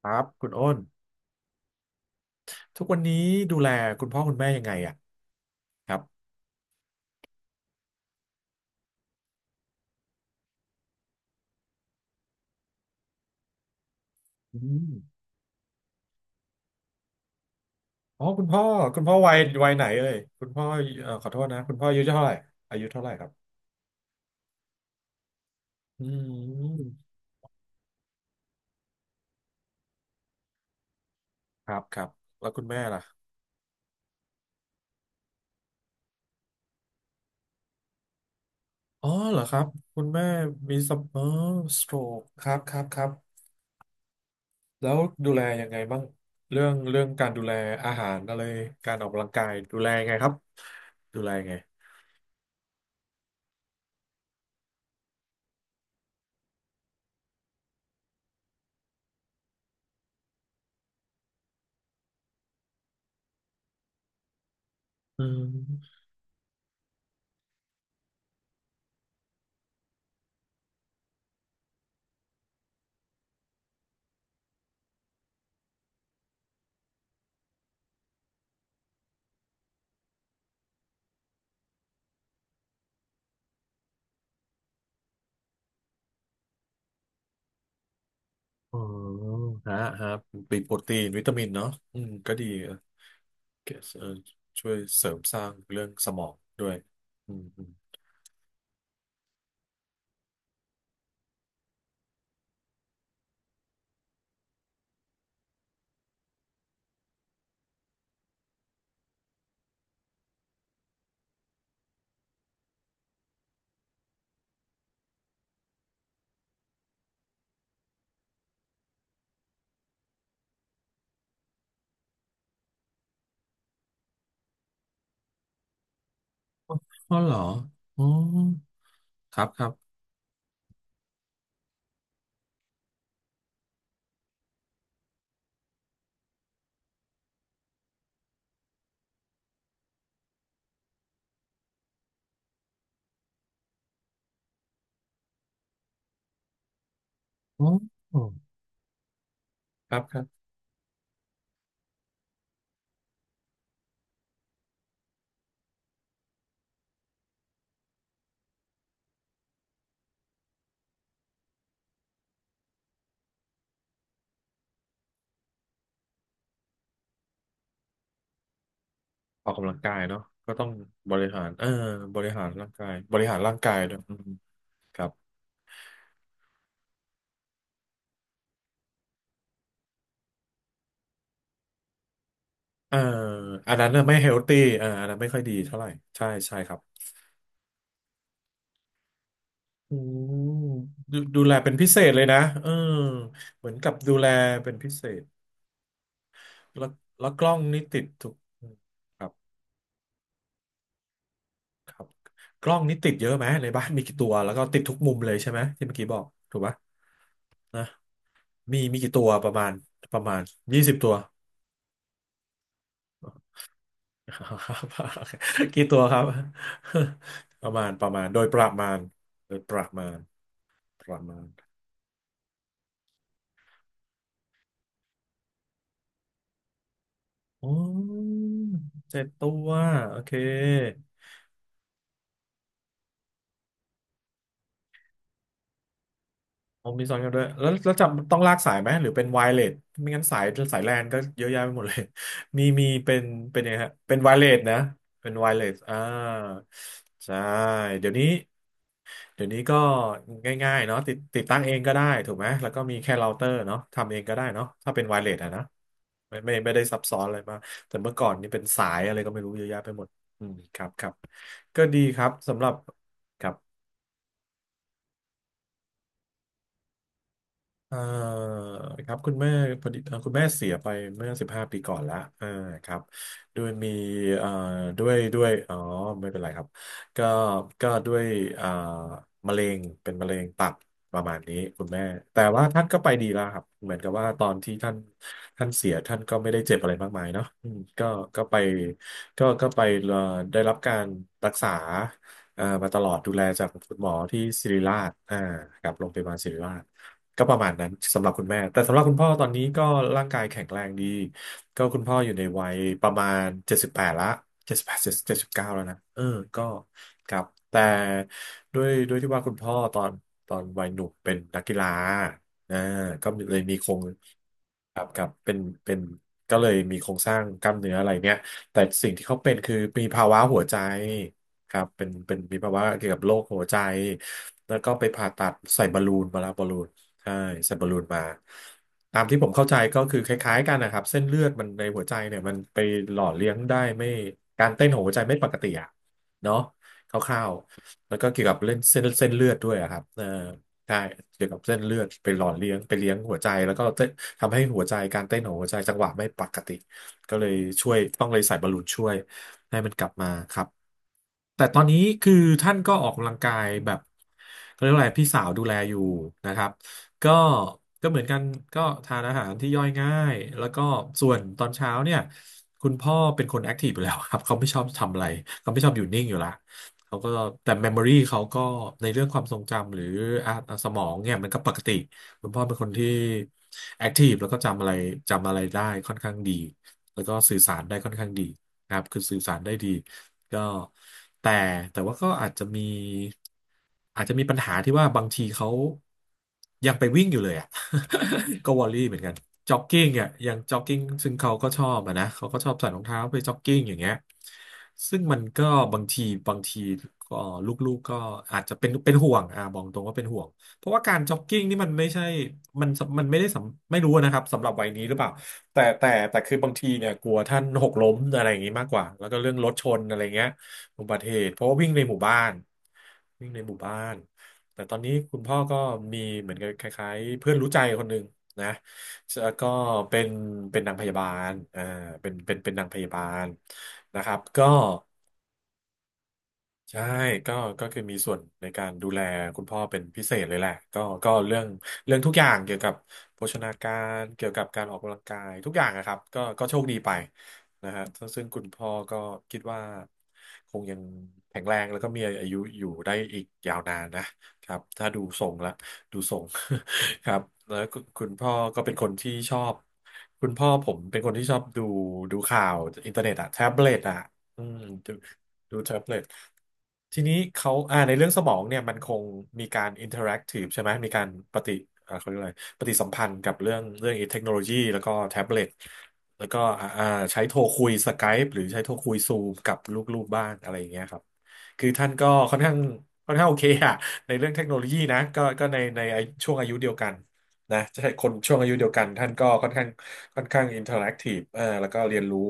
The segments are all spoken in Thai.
ครับคุณอ้นทุกวันนี้ดูแลคุณพ่อคุณแม่ยังไงอ่ะครับอืมอ๋อคุณพ่อคุณพ่อวัยไหนเอ่ยคุณพ่อขอโทษนะคุณพ่ออายุเท่าไหร่อายุเท่าไหร่ครับอืมครับครับแล้วคุณแม่ล่ะอ๋อเหรอครับคุณแม่มีสมออสโตรกครับครับครับแล้วดูแลยังไงบ้างเรื่องการดูแลอาหารอะไรการออกกำลังกายดูแลยังไงครับดูแลยังไงอืมอ๋อฮะฮะเป็นโปรตีนวิตามินเนาะอืมก็ดี เกสช่วยเสริมสร้างเรื่องสมองด้วยอืมอืมอ๋อเหรออ๋อครับครับอ๋อครับครับออกกำลังกายเนาะก็ต้องบริหารบริหารร่างกายบริหารร่างกายด้วยอืมครับเอออันนั้นน่ะไม่เฮลตี้เอาอันนั้นไม่ค่อยดีเท่าไหร่ใช่ใช่ครับอืมดูแลเป็นพิเศษเลยนะเออเหมือนกับดูแลเป็นพิเศษแล้วแล้วกล้องนี่ติดทุกครับ ครับกล้องนี้ติดเยอะไหมในบ้านมีกี่ตัวแล้วก็ติดทุกมุมเลยใช่ไหมที่เมื่อกี้บอกถูกปะนะมีกี่ตัวประมาณประมาณยี่สิบตัว กี่ตัวครับ ประมาณประมาณโดยประมาณโดยประมาณประมาณอ๋อเจ็ดตัวโอเค ผมมีซ้อนกันด้วยแล้วจำต้องลากสายไหมหรือเป็นไวเลสไม่งั้นสายแลนก็เยอะแยะไปหมดเลย มีเป็นเป็นยังไงฮะเป็นไวเลสนะเป็นไวเลสใช่เดี๋ยวนี้เดี๋ยวนี้ก็ง่ายๆเนาะติดติดตั้งเองก็ได้ถูกไหมแล้วก็มีแค่เราเตอร์เนาะทำเองก็ได้เนาะถ้าเป็นไวเลสอะนะไม่ไม่ได้ซับซ้อนอะไรมากแต่เมื่อก่อนนี่เป็นสายอะไรก็ไม่รู้เยอะแยะไปหมดอืมครับครับก็ดีครับสำหรับครับ เอ่อครับคุณแม่พอดีคุณแม่เสียไปเมื่อสิบห้าปีก่อนละอ่าครับด้วยมีเอ่อด้วยอ๋อไม่เป็นไรครับก็ก็ด้วยอ่ามะเร็งเป็นมะเร็งตับประมาณนี้คุณแม่แต่ว่าท่านก็ไปดีแล้วครับเหมือนกับว่าตอนที่ท่านเสียท่านก็ไม่ได้เจ็บอะไรมากมายเนาะอืมก็ก็ไปก็ไปเอ่อได้รับการรักษามาตลอดดูแลจากคุณหมอที่ศิริราชอ่ากับโรงพยาบาลศิริราช ก็ประมาณนั้นสำหรับคุณแม่ แต่สำหรับคุณพ่อตอนนี้ก็ร่างกายแข็งแรงดีก็คุณพ่ออยู่ในวัยประมาณเจ็ดสิบแปดละเจ็ดสิบแปดเจ็ดสิบเก้าแล้วนะเออก็ครับแต่ด้วยที่ว่าคุณพ่อตอนวัยหนุ่มเป็นนักกีฬาอ่าก็เลยมีโครงครับครับเป็นก็เลยมีโครงสร้างกล้ามเนื้ออะไรเนี้ยแต่สิ่งที่เขาเป็นคือมีภาวะหัวใจครับเป็นมีภาวะเกี่ยวกับโรคหัวใจ แล้วก็ไปผ่าตัดใส่บอลลูนมาแล้วบอลลูน ใช่ส่บปลูนมาตามที่ผมเข้าใจก็คือคล้ายๆกันนะครับเส้นเลือดมันในหัวใจเนี่ยมันไปหล่อเลี้ยงได้ไม่การเต้นของหัวใจไม่ปกติอะเนาะคร่าวๆแล้วก็เกี่ยวกับเล่นเส้นเลือดด้วยอะครับเออใช่เกี่ยวกับเส้นเลือดไปหล่อเลี้ยงไปเลี้ยงหัวใจแล้วก็เต้นทำให้หัวใจการเต้นของหัวใจจังหวะไม่ปกติก็เลยช่วยต้องเลยใส่บอลลูนช่วยให้มันกลับมาครับแต่ตอนนี้คือท่านก็ออกกำลังกายแบบเขาเรียกว่าอะไรพี่สาวดูแลอยู่นะครับ ก็เหมือนกันก็ทานอาหารที่ย่อยง่ายแล้วก็ส่วนตอนเช้าเนี่ยคุณพ่อเป็นคนแอคทีฟอยู่แล้วครับ เขาไม่ชอบทำอะไรเขาไม่ชอบอยู่นิ่งอยู่ละเขาก็แต่เมมโมรี่เขาก็ในเรื่องความทรงจำหรืออ่ะสมองเนี่ยมันก็ปกติคุณพ่อเป็นคนที่แอคทีฟแล้วก็จำอะไรได้ค่อนข้างดีแล้วก็สื่อสารได้ค่อนข้างดีนะครับคือสื่อสารได้ดี ก็แต่แต่ว่าก็อาจจะมีปัญหาที่ว่าบางทีเขายังไปวิ่งอยู่เลยอ่ะ ก็วอรี่เหมือนกันจ็อกกิ้งอ่ะยังจ็อกกิ้งซึ่งเขาก็ชอบอะนะเขาก็ชอบใส่รองเท้าไปจ็อกกิ้งอย่างเงี้ยซึ่งมันก็บางทีบางทีก็ลูกๆก็อาจจะเป็นห่วงอ่ะบอกตรงว่าเป็นห่วง เพราะว่าการจ็อกกิ้งนี่มันไม่ใช่มันมันไม่ได้สำไม่รู้นะครับสำหรับวัยนี้หรือเปล่า แต่คือบางทีเนี่ยกลัวท่านหกล้มอะไรอย่างนี้มากกว่า แล้วก็เรื่องรถชนอะไรเงี้ยอุบัติเหตุเพราะว่าวิ่งในหมู่บ้านวิ่งในหมู่บ้าน แต่ตอนนี้คุณพ่อก็มีเหมือนกับคล้ายๆเพื่อนรู้ใจคนหนึ่งนะแล้วก็เป็นเป็นนางพยาบาลเป็นนางพยาบาลนะครับก็ ใช่ก็ก็คือมีส่วนในการดูแลคุณพ่อเป็นพิเศษเลยแหละก็เรื่องเรื่องทุกอย่างเกี่ยวกับโภชนาการเกี่ยวกับการออกกำลังกายทุกอย่างนะครับก็โชคดีไปนะฮะซึ่งคุณพ่อก็คิดว่าคงยังแข็งแรงแล้วก็มีอายุอยู่ได้อีกยาวนานนะครับถ้าดูทรงละดูทรง ครับแล้วคุณพ่อก็เป็นคนที่ชอบคุณพ่อผมเป็นคนที่ชอบดูดูข่าวอินเทอร์เน็ตอะแท็บเล็ตอะอืม ดูแท็บเล็ตทีนี้เขาในเรื่องสมองเนี่ยมันคงมีการอินเทอร์แอคทีฟใช่ไหม มีการปฏิเขาเรียกอะไรปฏิสัมพันธ์กับเรื่องเรื่องเทคโนโลยีแล้วก็แท็บเล็ตแล้วก็ใช้โทรคุยสกายปหรือใช้โทรคุยซูมกับลูกๆบ้านอะไรอย่างเงี้ยครับ คือท่านก็ค่อนข้างค่อนข้างโอเคอะในเรื่องเทคโนโลยีนะก็ก็ในช่วงอายุเดียวกันนะใช่คนช่วงอายุเดียวกันท่านก็ค่อนข้างค่อนข้างอินเทอร์แอคทีฟเออแล้วก็เรียนรู้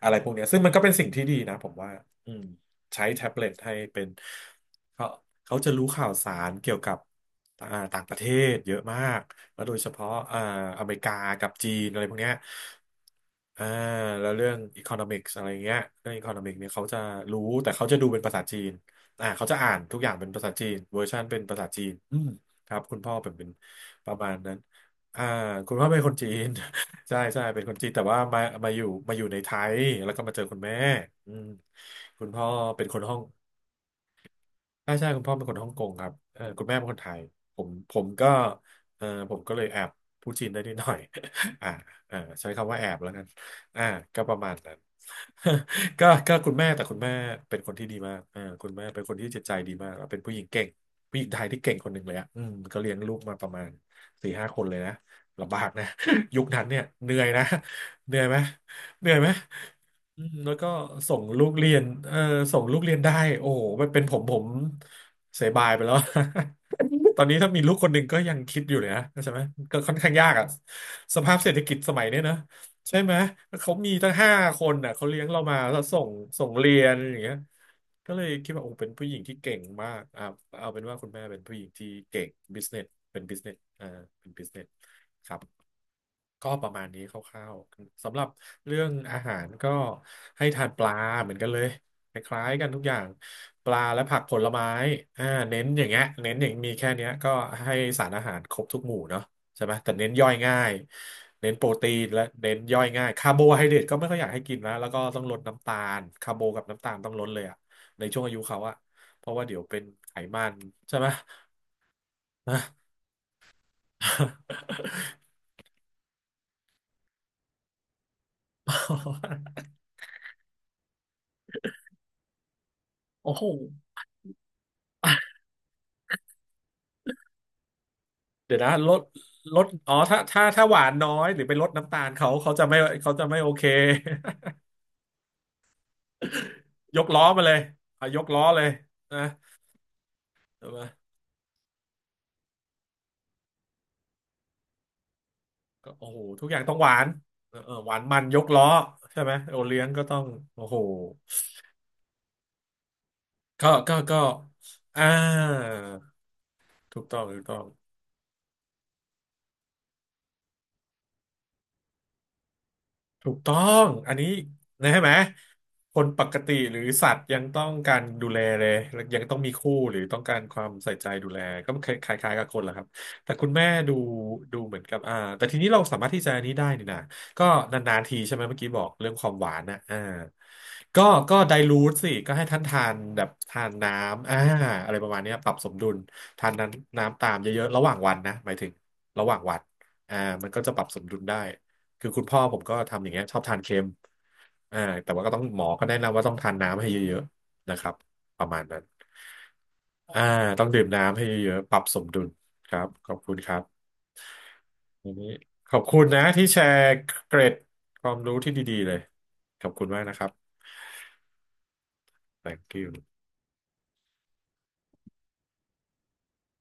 อะไรพวกเนี้ยซึ่งมันก็เป็นสิ่งที่ดีนะผมว่าอืมใช้แท็บเล็ตให้เป็นเขาเขาจะรู้ข่าวสารเกี่ยวกับอ่าต่างประเทศเยอะมากแล้วโดยเฉพาะอเมริกากับจีนอะไรพวกเนี้ยอ่าแล้วเรื่อง economics อะไรเงี้ยเรื่อง economics เนี่ยเขาจะรู้แต่เขาจะดูเป็นภาษาจีนเขาจะอ่านทุกอย่างเป็นภาษาจีนเวอร์ชันเป็นภาษาจีนอืมครับคุณพ่อผมเป็นประมาณนั้นอ่าคุณพ่อเป็นคนจีน ใช่ใช่เป็นคนจีนแต่ว่ามาอยู่มาอยู่ในไทยแล้วก็มาเจอคุณแม่อืมคุณพ่อเป็นคนฮ่อง ใช่ใช่คุณพ่อเป็นคนฮ่องกงครับเออคุณแม่เป็นคนไทยผมก็เออผมก็เลยแอบพูดจีนได้นิดหน่อย อ่าเออใช้คำว่าแอบแล้วกันอ่าก็ประมาณนั้น ก็ก็คุณแม่แต่คุณแม่เป็นคนที่ดีมากเออคุณแม่เป็นคนที่จิตใจดีมากแล้วเป็นผู้หญิงเก่งผู้หญิงไทยที่เก่งคนหนึ่งเลยอ่ะอืมก็เลี้ยงลูกมาประมาณสี่ห้าคนเลยนะลำบากนะ ยุคนั้นเนี่ยเหนื่อยนะเหนื่อยไหมเหนื่อยไหม อืมแล้วก็ส่งลูกเรียนเออส่งลูกเรียนได้โอ้โหมันเป็นผมเสียบายไปแล้ว ตอนนี้ถ้ามีลูกคนหนึ่งก็ยังคิดอยู่เลยนะใช่ไหมก็ค่อนข้างยากอะสภาพเศรษฐกิจสมัยเนี้ยนะใช่ไหมเขามีตั้งห้าคนน่ะเขาเลี้ยงเรามาแล้วส่งเรียนอย่างเงี้ย ก็เลยคิดว่าโอ้เป็นผู้หญิงที่เก่งมากเอาเป็นว่าคุณแม่เป็นผู้หญิงที่เก่งบิสเนสเป็นบิสเนสเป็นบิสเนสครับก็ประมาณนี้คร่าวๆสำหรับเรื่องอาหารก็ให้ทานปลาเหมือนกันเลยคล้ายๆกันทุกอย่างปลาและผักผลไม้อ่าเน้นอย่างเงี้ยเน้นอย่างมีแค่เนี้ยก็ให้สารอาหารครบทุกหมู่เนาะใช่ไหมแต่เน้นย่อยง่ายเน้นโปรตีนและเน้นย่อยง่ายคาร์โบไฮเดรตก็ไม่ค่อยอยากให้กินนะแล้วก็ต้องลดน้ำตาลคาร์โบกับน้ำตาลต้องลดเลย ในช่วงอายุเขาอะเพราะว่าเดี๋ยวเป็นไขมันใช่ไหมนะ โอ้โห เดี๋ยวนะลดลดอ๋อถ้าหวานน้อยหรือไปลดน้ำตาลเขาจะไม่เขาจะไม่โอเค ยกล้อมาเลยอ่ะยกล้อเลยนะใช่ไหมก็โอ้โหทุกอย่างต้องหวานเออเออหวานมันยกล้อใช่ไหมโอเลี้ยงก็ต้อง โอ้โห ก็อ่าถูกต้องถูกต้อง ถูกต้องอันนี้นะใช่ไหมคนปกติหรือสัตว์ยังต้องการดูแลเลยยังต้องมีคู่หรือต้องการความใส่ใจดูแลก็คล้ายๆกับคนแหละครับแต่คุณแม่ดูดูเหมือนกับแต่ทีนี้เราสามารถที่จะอันนี้ได้นี่นะก็นานๆทีใช่ไหมเมื่อกี้บอกเรื่องความหวานนะก็ก็ไดลูทสิก็ให้ท่านทานแบบทานน้ำอะไรประมาณเนี้ยปรับสมดุลทานน้ำน้ำตามเยอะๆระหว่างวันนะหมายถึงระหว่างวันอ่ามันก็จะปรับสมดุลได้ คือคุณพ่อผมก็ทำอย่างเงี้ยชอบทานเค็มอ่าแต่ว่าก็ต้องหมอก็แนะนำว่าต้องทานน้ำให้เยอะๆนะครับประมาณนั้นอ่าต้องดื่มน้ำให้เยอะๆปรับสมดุลครับขอบคุณครับวันนี้ขอบคุณนะที่แชร์เกร็ดความรู้ที่ดีๆเลยขอบคุณมากนะครับ Thank you